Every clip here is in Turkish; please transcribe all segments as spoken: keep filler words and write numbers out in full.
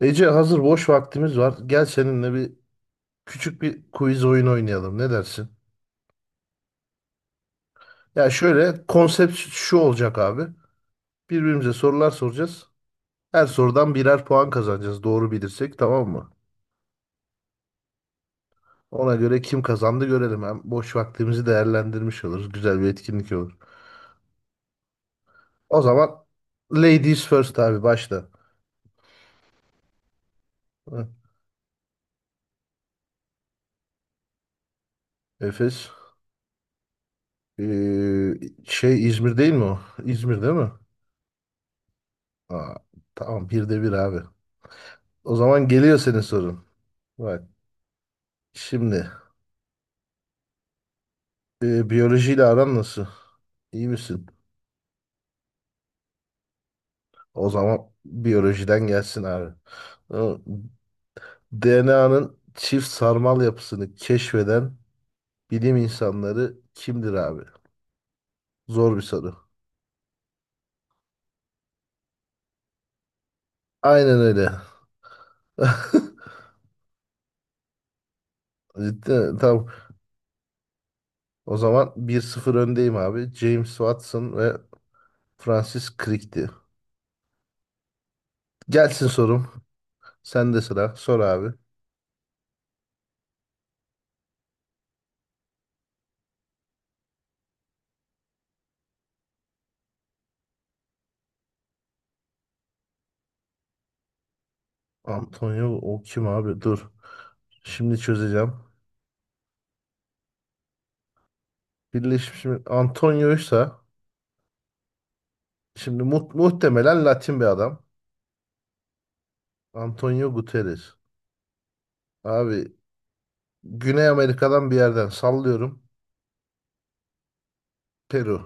Ece hazır boş vaktimiz var. Gel seninle bir küçük bir quiz oyun oynayalım. Ne dersin? Ya şöyle konsept şu olacak abi. Birbirimize sorular soracağız. Her sorudan birer puan kazanacağız. Doğru bilirsek tamam mı? Ona göre kim kazandı görelim. Hem boş vaktimizi değerlendirmiş oluruz. Güzel bir etkinlik olur. O zaman ladies first abi başla. Hı, Efes. Ee, şey İzmir değil mi o? İzmir değil mi? Aa, tamam bir de bir abi. O zaman geliyor senin sorun. Bak. Şimdi e, biyolojiyle aran nasıl? İyi misin? O zaman biyolojiden gelsin abi. D N A'nın çift sarmal yapısını keşfeden bilim insanları kimdir abi? Zor bir soru. Aynen öyle. Ciddi mi? Tamam. O zaman bir sıfır öndeyim abi. James Watson ve Francis Crick'ti. Gelsin sorum. Sen de sıra. Sor abi. Antonio o kim abi? Dur. Şimdi çözeceğim. Birleşmiş Milletler. Antonio'ysa şimdi mu- muhtemelen Latin bir adam. Antonio Guterres. Abi Güney Amerika'dan bir yerden sallıyorum. Peru.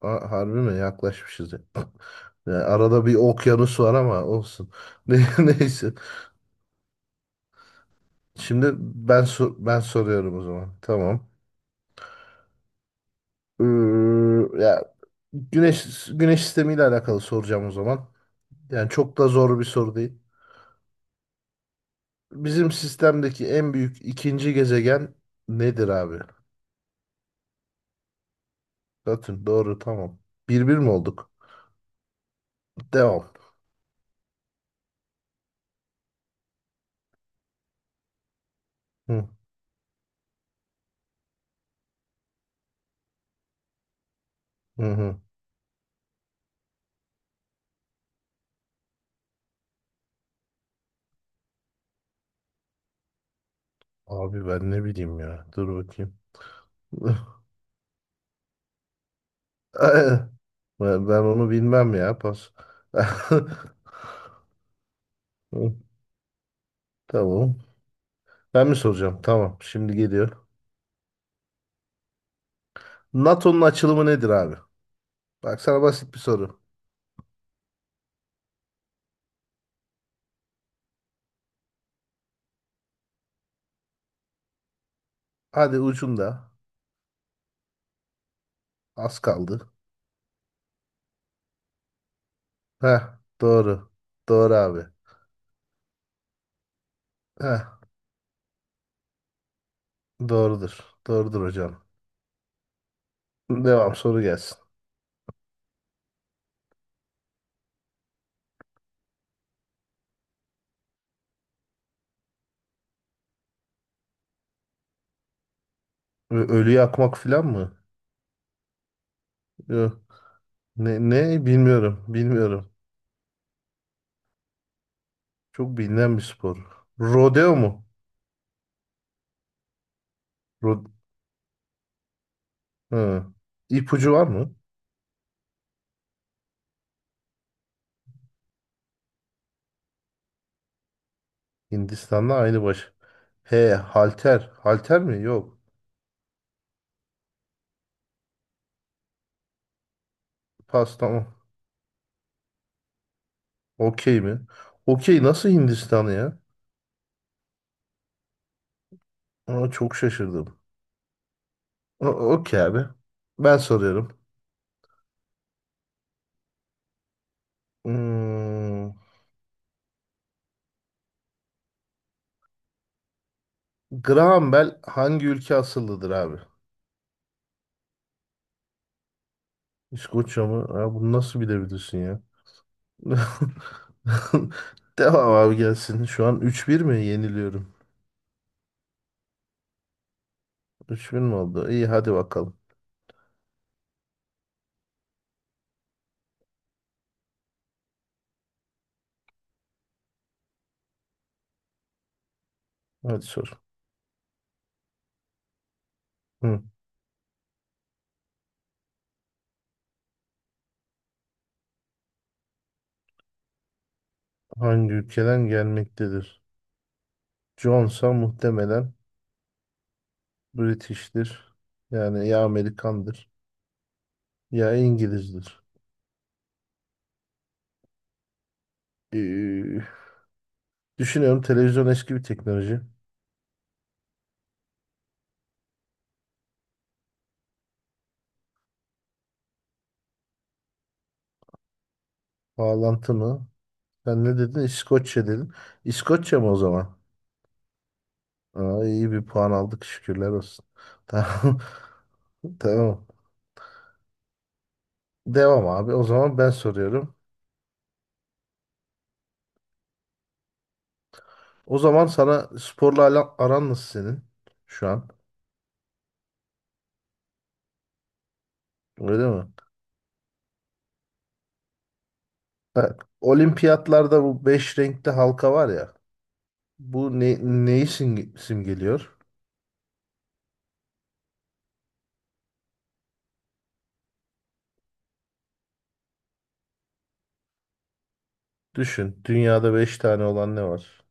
A- harbi mi? Yaklaşmışız, ya. Yani arada bir okyanus var ama olsun. Ne- Neyse. Şimdi ben sor- ben soruyorum o zaman. Tamam. Ee, ya güneş güneş sistemiyle alakalı soracağım o zaman. Yani çok da zor bir soru değil. Bizim sistemdeki en büyük ikinci gezegen nedir abi? Satürn, doğru, tamam. Bir bir mi olduk? Devam. Hı, hı, hı. Abi ben ne bileyim ya. Dur bakayım. Ben, ben onu bilmem ya, pas. Hı, tamam. Ben mi soracağım? Tamam. Şimdi geliyor. NATO'nun açılımı nedir abi? Bak sana basit bir soru. Hadi ucunda. Az kaldı. Heh, doğru. Doğru abi. Heh, doğrudur. Doğrudur hocam. Devam, soru gelsin. Ö- Ölüyü yakmak falan mı? Ne, ne bilmiyorum. Bilmiyorum. Çok bilinen bir spor. Rodeo mu? Ro, hı. İpucu var mı? Hindistan'da aynı baş. He, halter. Halter mi? Yok. Pas, tamam. Okey mi? Okey nasıl Hindistan'ı ya? Aa, çok şaşırdım. O- Okey abi. Ben soruyorum. Hmm, Graham Bell hangi ülke asıllıdır abi? İskoçya mı? Aa, bunu nasıl bilebilirsin ya? Devam abi, gelsin. Şu an üç bir mi yeniliyorum? üç bin mi oldu? İyi, hadi bakalım. Hadi sor. Hı. Hangi ülkeden gelmektedir? Johnsa muhtemelen British'tir. Yani ya Amerikandır ya İngilizdir. Ee, düşünüyorum, televizyon eski bir teknoloji. Bağlantı mı? Sen ne dedin? İskoçya dedin. İskoçya mı o zaman? Aa, iyi bir puan aldık, şükürler olsun. Tamam. Tamam. Devam abi. O zaman ben soruyorum. O zaman sana sporla ala- aran nasıl senin şu an? Öyle mi? Ha, Olimpiyatlarda bu beş renkli halka var ya. Bu ne, neyi simge- simgeliyor? Düşün. Dünyada beş tane olan ne var?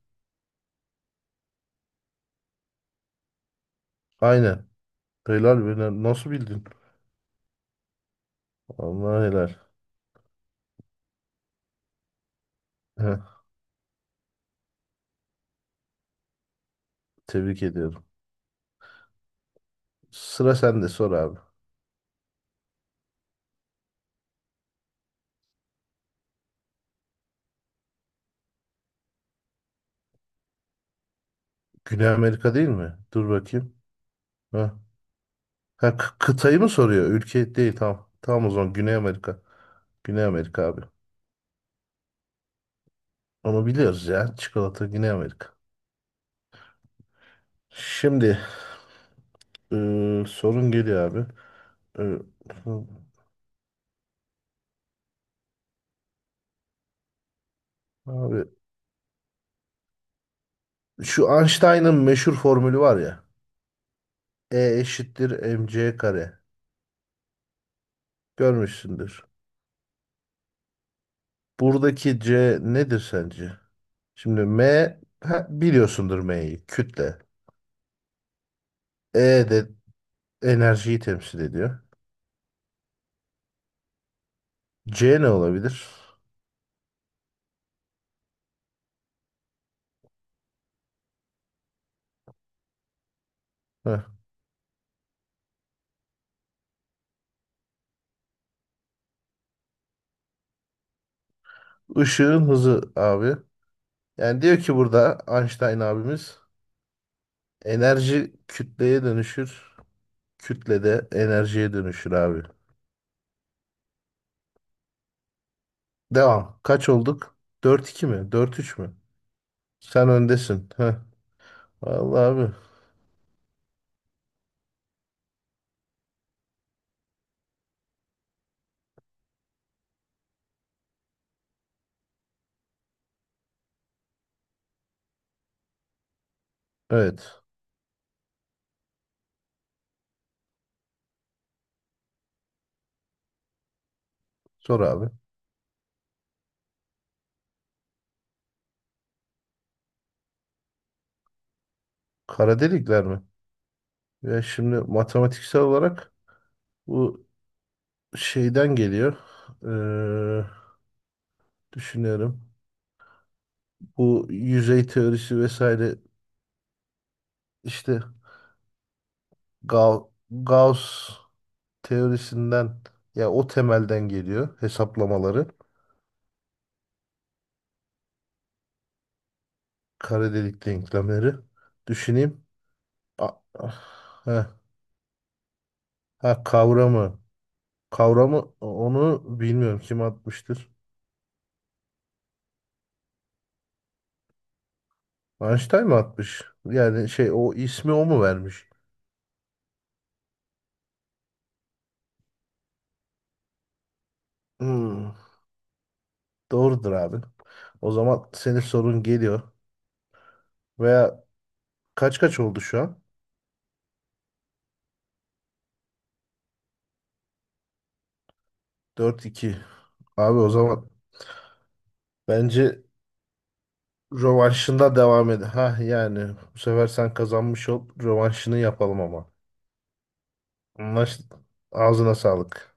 Aynen. Helal be. na- Nasıl bildin? Allah helal. Heh, tebrik ediyorum. Sıra sende, sor abi. Güney Amerika değil mi? Dur bakayım. Heh. Ha, kı- kıtayı mı soruyor? Ülke değil. Tamam. Tamam, o zaman Güney Amerika. Güney Amerika abi. Onu biliyoruz ya. Çikolata Güney Amerika. Şimdi e, sorun geliyor abi. E, abi şu Einstein'ın meşhur formülü var ya. E eşittir mc kare. Görmüşsündür. Buradaki c nedir sence? Şimdi m, ha, biliyorsundur m'yi, kütle. E de enerjiyi temsil ediyor. C ne olabilir? Heh. Işığın hızı abi. Yani diyor ki burada Einstein abimiz, enerji kütleye dönüşür. Kütle de enerjiye dönüşür abi. Devam. Kaç olduk? Dört iki mi? Dört üç mü? Sen öndesin. Heh. Vallahi abi. Evet. Sor abi. Kara delikler mi? Ya şimdi matematiksel olarak bu şeyden geliyor. Ee, düşünüyorum. Bu yüzey teorisi vesaire işte Ga- Gauss teorisinden ya, o temelden geliyor hesaplamaları. Kara delik denklemleri. Düşüneyim. A- ah, heh. ha, kavramı. Kavramı onu bilmiyorum kim atmıştır. Einstein mı atmış? Yani şey, o ismi o mu vermiş? Hmm, doğrudur abi. O zaman senin sorun geliyor. Veya kaç kaç oldu şu an? Dört iki. Abi o zaman bence rövanşında devam ed. Ha yani bu sefer sen kazanmış ol. Rövanşını yapalım ama. Anlaştık. Ağzına sağlık.